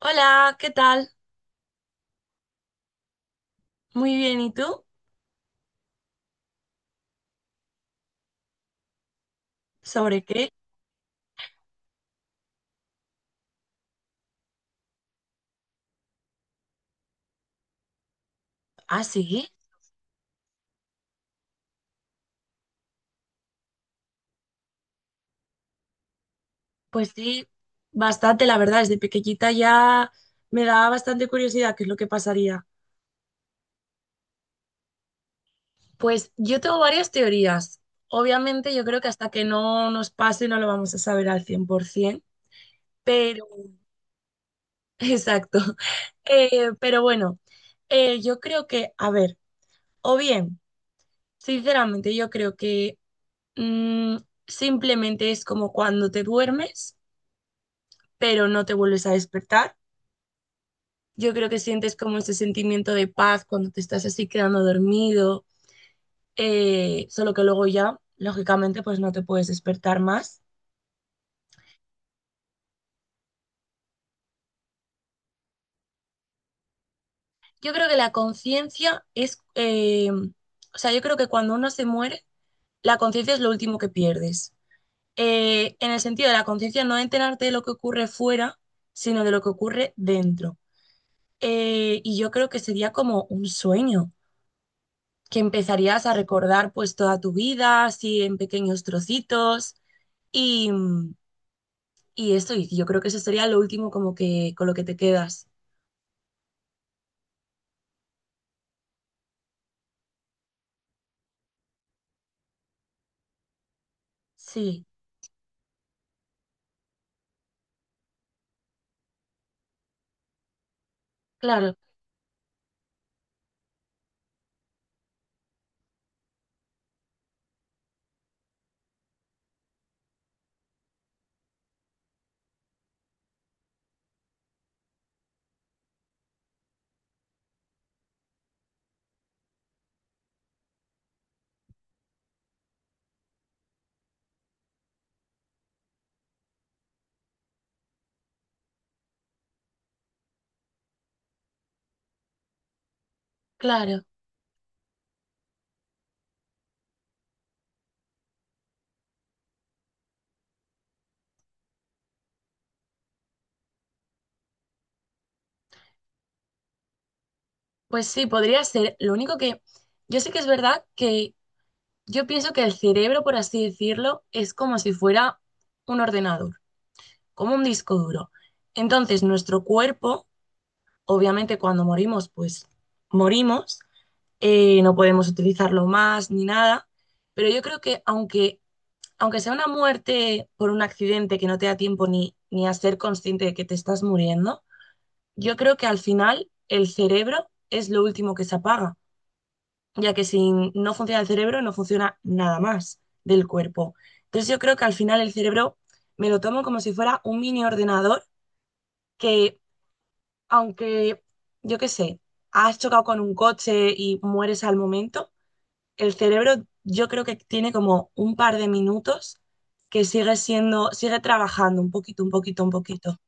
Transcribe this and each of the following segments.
Hola, ¿qué tal? Muy bien, ¿y tú? ¿Sobre qué? Ah, sí, pues sí, bastante, la verdad, desde pequeñita ya me daba bastante curiosidad qué es lo que pasaría. Pues yo tengo varias teorías. Obviamente yo creo que hasta que no nos pase no lo vamos a saber al 100%, pero... Exacto. Pero bueno, yo creo que, a ver, o bien, sinceramente yo creo que mm, simplemente es como cuando te duermes, pero no te vuelves a despertar. Yo creo que sientes como ese sentimiento de paz cuando te estás así quedando dormido, solo que luego ya, lógicamente, pues no te puedes despertar más. Yo creo que la conciencia es, o sea, yo creo que cuando uno se muere, la conciencia es lo último que pierdes. En el sentido de la conciencia no enterarte de lo que ocurre fuera, sino de lo que ocurre dentro. Y yo creo que sería como un sueño, que empezarías a recordar pues toda tu vida, así en pequeños trocitos y, y eso, y yo creo que eso sería lo último como que con lo que te quedas. Sí, claro, claro. Pues sí, podría ser. Lo único que yo sé que es verdad que yo pienso que el cerebro, por así decirlo, es como si fuera un ordenador, como un disco duro. Entonces, nuestro cuerpo, obviamente cuando morimos, pues morimos, no podemos utilizarlo más ni nada, pero yo creo que aunque, aunque sea una muerte por un accidente que no te da tiempo ni, ni a ser consciente de que te estás muriendo, yo creo que al final el cerebro es lo último que se apaga, ya que si no funciona el cerebro no funciona nada más del cuerpo. Entonces yo creo que al final el cerebro me lo tomo como si fuera un mini ordenador que aunque, yo qué sé, has chocado con un coche y mueres al momento, el cerebro yo creo que tiene como un par de minutos que sigue siendo, sigue trabajando un poquito, un poquito, un poquito.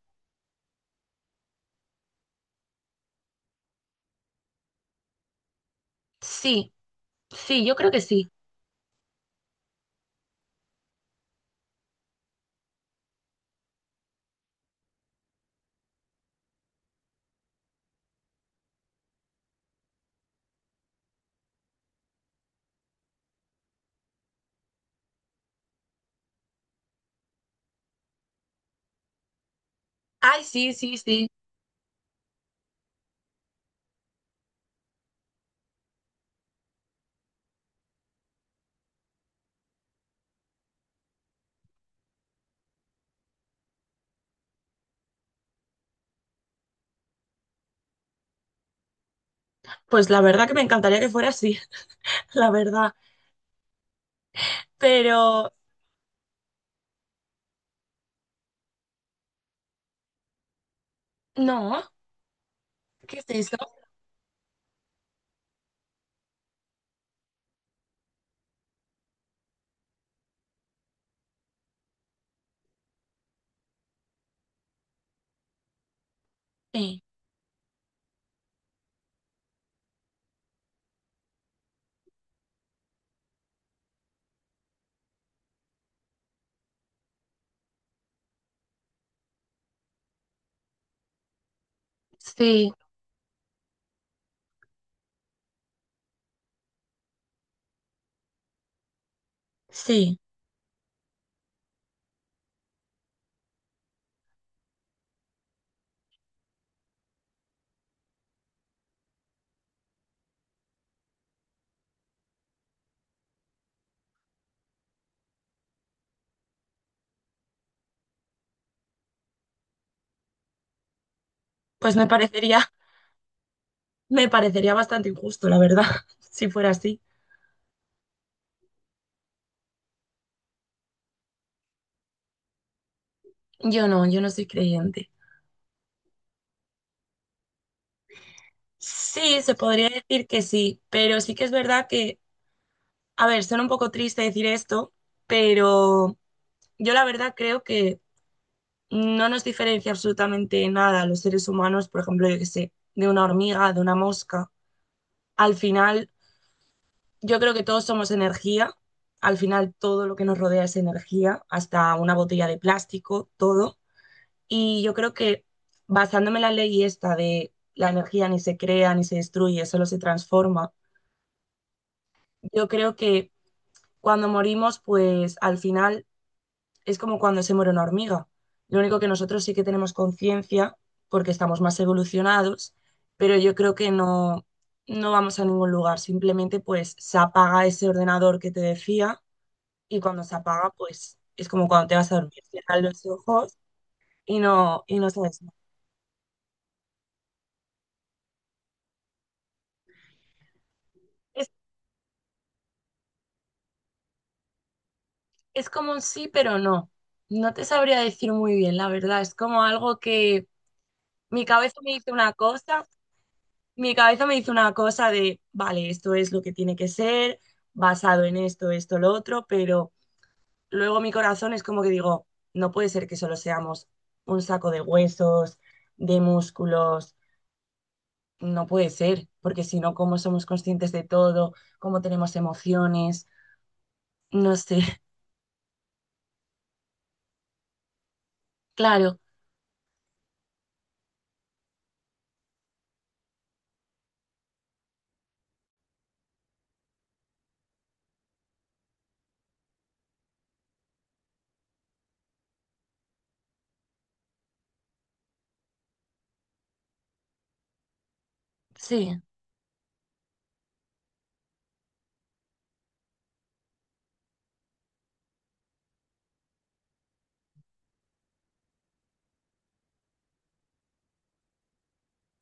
Sí, sí, yo creo que sí. Ay, sí, sí, sí. Pues la verdad que me encantaría que fuera así, la verdad. Pero no, ¿qué es eso? Sí, sí, sí. Pues me parecería bastante injusto, la verdad, si fuera así. Yo no, yo no soy creyente. Sí, se podría decir que sí, pero sí que es verdad que a ver, suena un poco triste decir esto, pero yo la verdad creo que no nos diferencia absolutamente nada a los seres humanos, por ejemplo, yo qué sé, de una hormiga, de una mosca. Al final, yo creo que todos somos energía. Al final, todo lo que nos rodea es energía, hasta una botella de plástico, todo. Y yo creo que basándome en la ley esta de la energía ni se crea ni se destruye, solo se transforma, yo creo que cuando morimos, pues al final es como cuando se muere una hormiga. Lo único que nosotros sí que tenemos conciencia porque estamos más evolucionados, pero yo creo que no, no vamos a ningún lugar. Simplemente pues se apaga ese ordenador que te decía y cuando se apaga pues es como cuando te vas a dormir, cierras los ojos y no sabes nada. Es, es como un sí, pero no. No te sabría decir muy bien, la verdad. Es como algo que mi cabeza me dice una cosa, mi cabeza me hizo una cosa de, vale, esto es lo que tiene que ser, basado en esto, esto, lo otro, pero luego mi corazón es como que digo, no puede ser que solo seamos un saco de huesos, de músculos, no puede ser, porque si no, ¿cómo somos conscientes de todo? ¿Cómo tenemos emociones? No sé, claro, sí,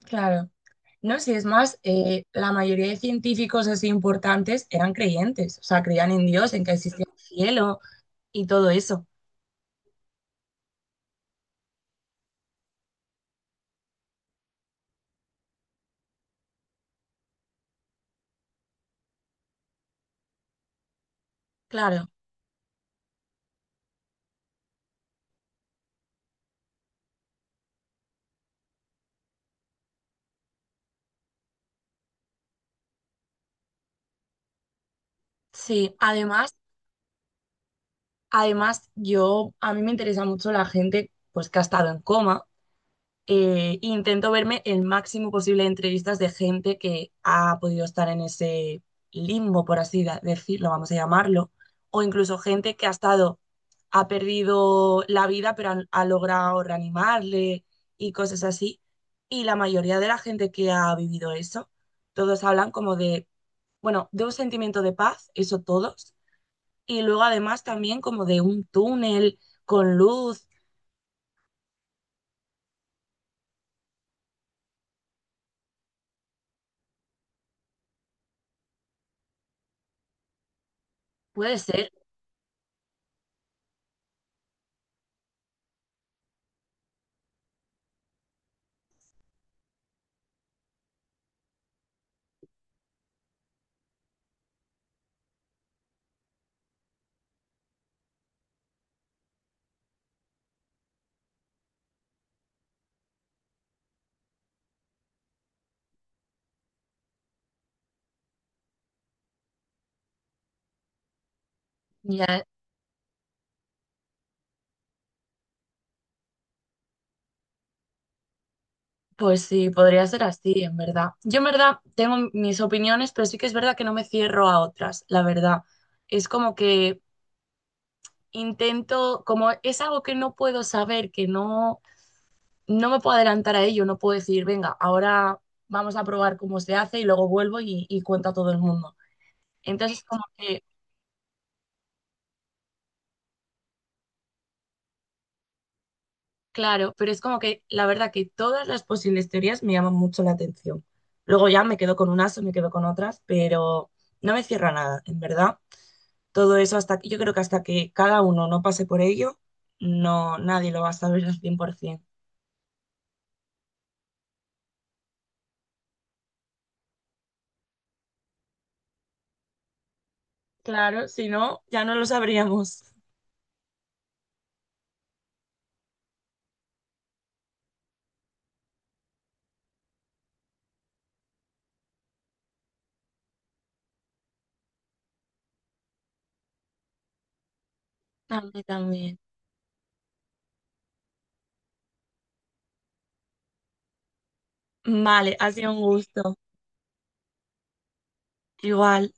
claro. No sé, es más, la mayoría de científicos así importantes eran creyentes, o sea, creían en Dios, en que existía un cielo y todo eso. Claro. Sí, además, además yo, a mí me interesa mucho la gente pues que ha estado en coma. Intento verme el máximo posible de entrevistas de gente que ha podido estar en ese limbo, por así decirlo, vamos a llamarlo, o incluso gente que ha estado, ha perdido la vida, pero ha logrado reanimarle y cosas así. Y la mayoría de la gente que ha vivido eso, todos hablan como de, bueno, de un sentimiento de paz, eso todos, y luego además también como de un túnel con luz. Puede ser. Ya, pues sí, podría ser así, en verdad. Yo en verdad tengo mis opiniones, pero sí que es verdad que no me cierro a otras, la verdad. Es como que intento, como es algo que no puedo saber, que no, no me puedo adelantar a ello, no puedo decir, venga, ahora vamos a probar cómo se hace y luego vuelvo y cuento a todo el mundo. Entonces, como que claro, pero es como que la verdad que todas las posibles teorías me llaman mucho la atención. Luego ya me quedo con unas o me quedo con otras, pero no me cierra nada, en verdad. Todo eso hasta yo creo que hasta que cada uno no pase por ello, no nadie lo va a saber al 100%. Claro, si no, ya no lo sabríamos. A mí también. Vale, ha sido un gusto. Igual.